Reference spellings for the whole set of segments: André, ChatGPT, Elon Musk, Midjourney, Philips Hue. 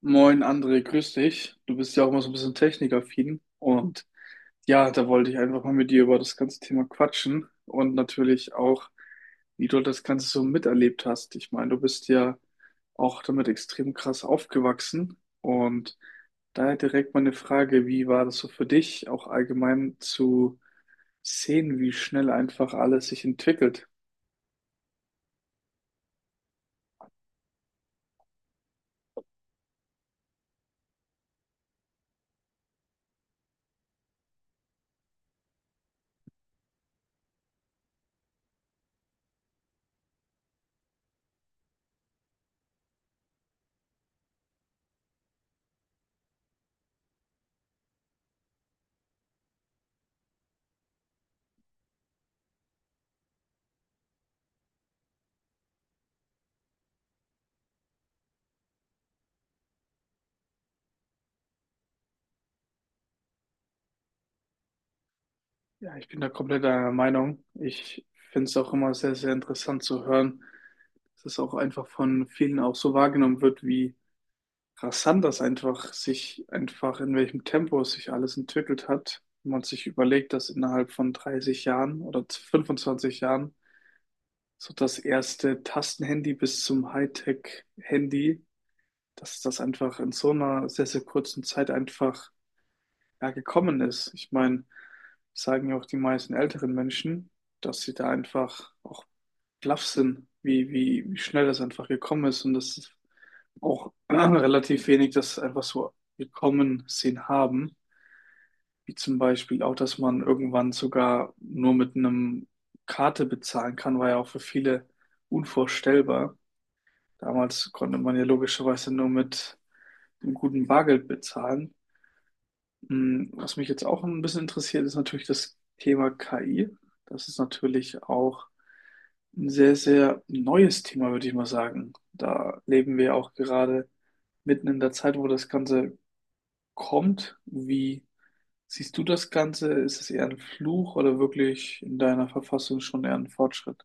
Moin André, grüß dich. Du bist ja auch mal so ein bisschen technikaffin und ja, da wollte ich einfach mal mit dir über das ganze Thema quatschen und natürlich auch, wie du das Ganze so miterlebt hast. Ich meine, du bist ja auch damit extrem krass aufgewachsen und daher direkt meine Frage, wie war das so für dich, auch allgemein zu sehen, wie schnell einfach alles sich entwickelt? Ja, ich bin da komplett einer Meinung. Ich finde es auch immer sehr, sehr interessant zu hören, dass es auch einfach von vielen auch so wahrgenommen wird, wie rasant das einfach sich einfach in welchem Tempo es sich alles entwickelt hat. Wenn man sich überlegt, dass innerhalb von 30 Jahren oder 25 Jahren so das erste Tastenhandy bis zum Hightech-Handy, dass das einfach in so einer sehr, sehr kurzen Zeit einfach ja, gekommen ist. Ich meine, sagen ja auch die meisten älteren Menschen, dass sie da einfach auch baff sind, wie schnell das einfach gekommen ist und das ist auch relativ wenig das einfach so gekommen sehen haben. Wie zum Beispiel auch, dass man irgendwann sogar nur mit einem Karte bezahlen kann, war ja auch für viele unvorstellbar. Damals konnte man ja logischerweise nur mit einem guten Bargeld bezahlen. Hm, was mich jetzt auch ein bisschen interessiert, ist natürlich das Thema KI. Das ist natürlich auch ein sehr, sehr neues Thema, würde ich mal sagen. Da leben wir auch gerade mitten in der Zeit, wo das Ganze kommt. Wie siehst du das Ganze? Ist es eher ein Fluch oder wirklich in deiner Verfassung schon eher ein Fortschritt?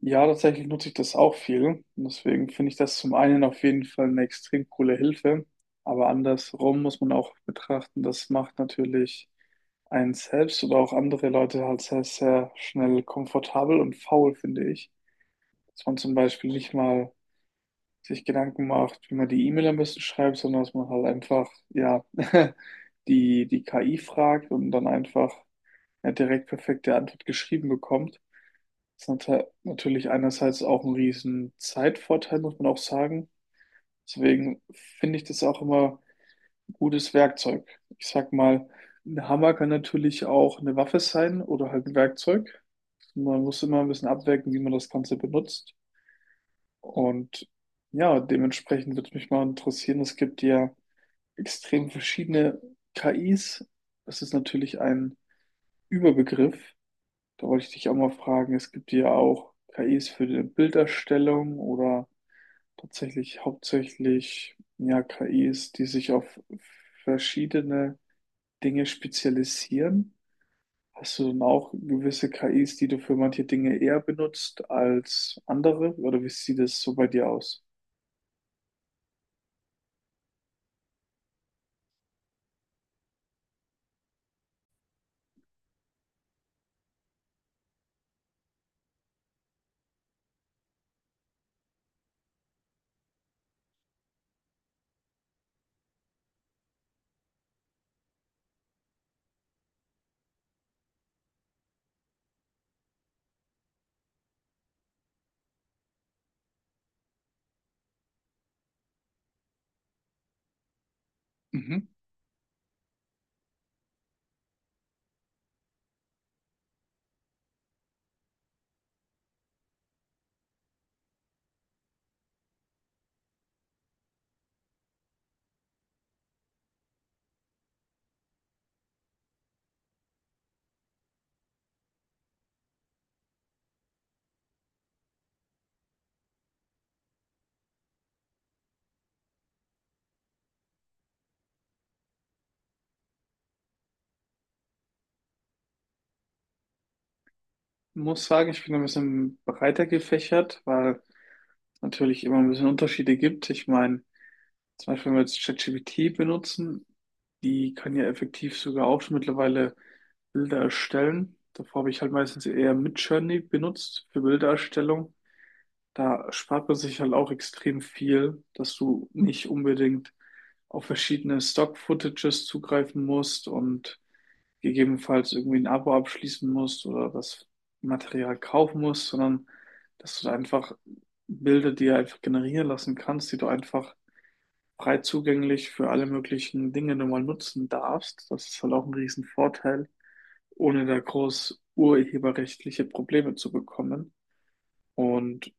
Ja, tatsächlich nutze ich das auch viel. Und deswegen finde ich das zum einen auf jeden Fall eine extrem coole Hilfe. Aber andersrum muss man auch betrachten, das macht natürlich einen selbst oder auch andere Leute halt sehr, sehr schnell komfortabel und faul, finde ich. Dass man zum Beispiel nicht mal sich Gedanken macht, wie man die E-Mail am besten schreibt, sondern dass man halt einfach, ja, die KI fragt und dann einfach eine direkt perfekte Antwort geschrieben bekommt ist natürlich einerseits auch ein riesen Zeitvorteil, muss man auch sagen. Deswegen finde ich das auch immer ein gutes Werkzeug. Ich sag mal, ein Hammer kann natürlich auch eine Waffe sein oder halt ein Werkzeug. Man muss immer ein bisschen abwägen, wie man das Ganze benutzt. Und ja, dementsprechend würde mich mal interessieren, es gibt ja extrem verschiedene KIs. Das ist natürlich ein Überbegriff. Da wollte ich dich auch mal fragen, es gibt ja auch KIs für die Bilderstellung oder tatsächlich hauptsächlich ja, KIs, die sich auf verschiedene Dinge spezialisieren. Hast du dann auch gewisse KIs, die du für manche Dinge eher benutzt als andere? Oder wie sieht es so bei dir aus? Mhm. Muss sagen, ich bin ein bisschen breiter gefächert, weil es natürlich immer ein bisschen Unterschiede gibt. Ich meine, zum Beispiel, wenn wir jetzt ChatGPT benutzen, die kann ja effektiv sogar auch schon mittlerweile Bilder erstellen. Davor habe ich halt meistens eher Midjourney benutzt für Bildererstellung. Da spart man sich halt auch extrem viel, dass du nicht unbedingt auf verschiedene Stock-Footages zugreifen musst und gegebenenfalls irgendwie ein Abo abschließen musst oder das Material kaufen musst, sondern dass du da einfach Bilder dir einfach generieren lassen kannst, die du einfach frei zugänglich für alle möglichen Dinge du mal nutzen darfst. Das ist halt auch ein Riesenvorteil, ohne da groß urheberrechtliche Probleme zu bekommen. Und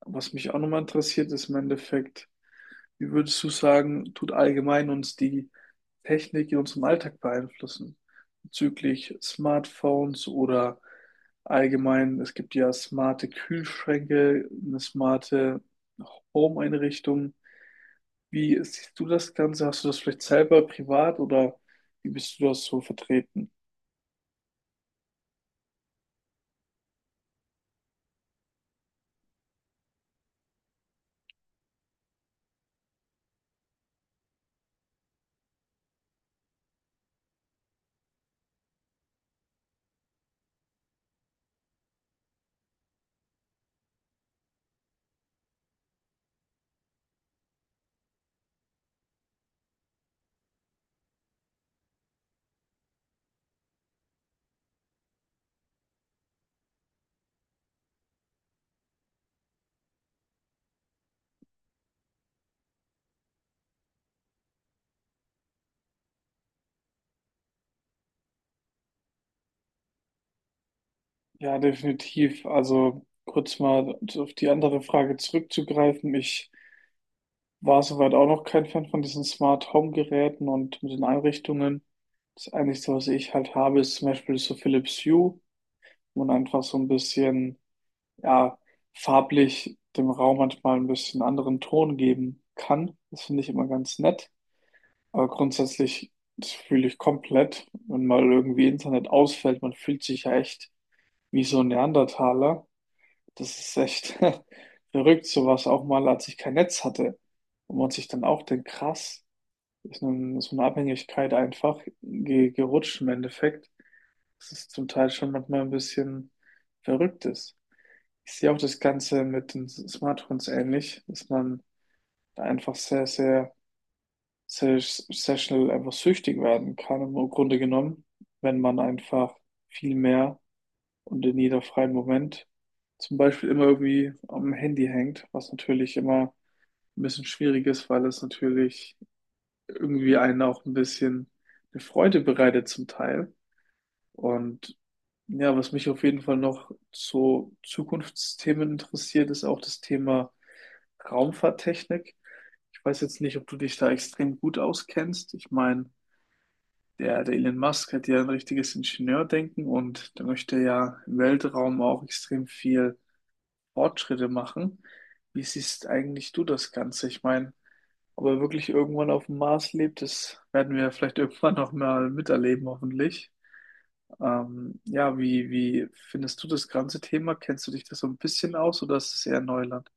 was mich auch nochmal interessiert, ist im Endeffekt, wie würdest du sagen, tut allgemein uns die Technik in unserem Alltag beeinflussen? Bezüglich Smartphones oder allgemein, es gibt ja smarte Kühlschränke, eine smarte Home-Einrichtung. Wie siehst du das Ganze? Hast du das vielleicht selber privat oder wie bist du das so vertreten? Ja, definitiv. Also kurz mal auf die andere Frage zurückzugreifen. Ich war soweit auch noch kein Fan von diesen Smart Home Geräten und mit den Einrichtungen. Das Einzige, was ich halt habe, ist zum Beispiel so Philips Hue, wo man einfach so ein bisschen, ja, farblich dem Raum manchmal ein bisschen anderen Ton geben kann. Das finde ich immer ganz nett. Aber grundsätzlich, das fühle ich komplett, wenn mal irgendwie Internet ausfällt, man fühlt sich ja echt wie so ein Neandertaler. Das ist echt verrückt, sowas auch mal, als ich kein Netz hatte. Und man sich dann auch denkt, krass, ist nun so eine Abhängigkeit einfach ge gerutscht im Endeffekt. Das ist zum Teil schon manchmal ein bisschen verrückt ist. Ich sehe auch das Ganze mit den Smartphones ähnlich, dass man da einfach sehr, schnell einfach süchtig werden kann, im Grunde genommen, wenn man einfach viel mehr und in jeder freien Moment zum Beispiel immer irgendwie am Handy hängt, was natürlich immer ein bisschen schwierig ist, weil es natürlich irgendwie einen auch ein bisschen eine Freude bereitet zum Teil. Und ja, was mich auf jeden Fall noch zu Zukunftsthemen interessiert, ist auch das Thema Raumfahrttechnik. Ich weiß jetzt nicht, ob du dich da extrem gut auskennst. Ich meine, der Elon Musk hat ja ein richtiges Ingenieurdenken und der möchte ja im Weltraum auch extrem viel Fortschritte machen. Wie siehst eigentlich du das Ganze? Ich meine, ob er wirklich irgendwann auf dem Mars lebt, das werden wir vielleicht irgendwann noch mal miterleben, hoffentlich. Wie findest du das ganze Thema? Kennst du dich da so ein bisschen aus oder ist es eher Neuland?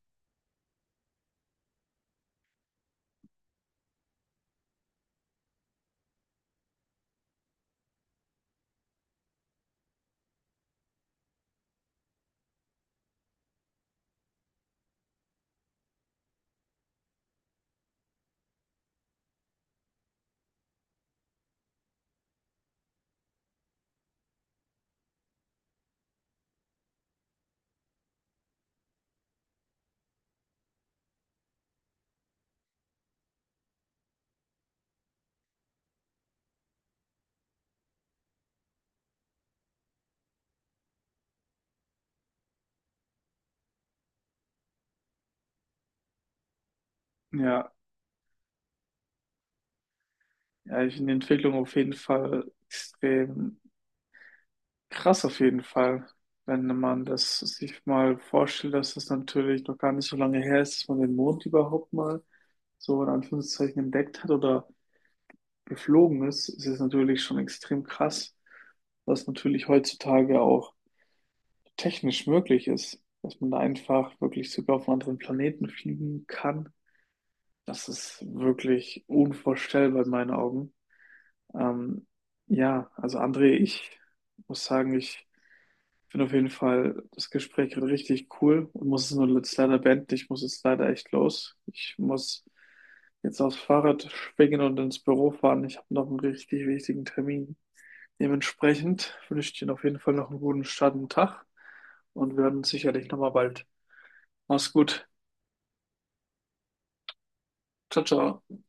Ja, ja, ich finde die Entwicklung auf jeden Fall extrem krass auf jeden Fall, wenn man das sich mal vorstellt, dass das natürlich noch gar nicht so lange her ist, dass man den Mond überhaupt mal so in Anführungszeichen entdeckt hat oder geflogen ist, ist es natürlich schon extrem krass, was natürlich heutzutage auch technisch möglich ist, dass man da einfach wirklich sogar auf einen anderen Planeten fliegen kann. Das ist wirklich unvorstellbar in meinen Augen. Ähm, ja, also André, ich muss sagen, ich finde auf jeden Fall das Gespräch gerade richtig cool und muss es nur jetzt leider beenden. Ich muss jetzt leider echt los. Ich muss jetzt aufs Fahrrad schwingen und ins Büro fahren. Ich habe noch einen richtig wichtigen Termin. Dementsprechend wünsche ich dir auf jeden Fall noch einen guten Start und Tag und wir hören uns sicherlich nochmal bald. Mach's gut. Ciao, ciao.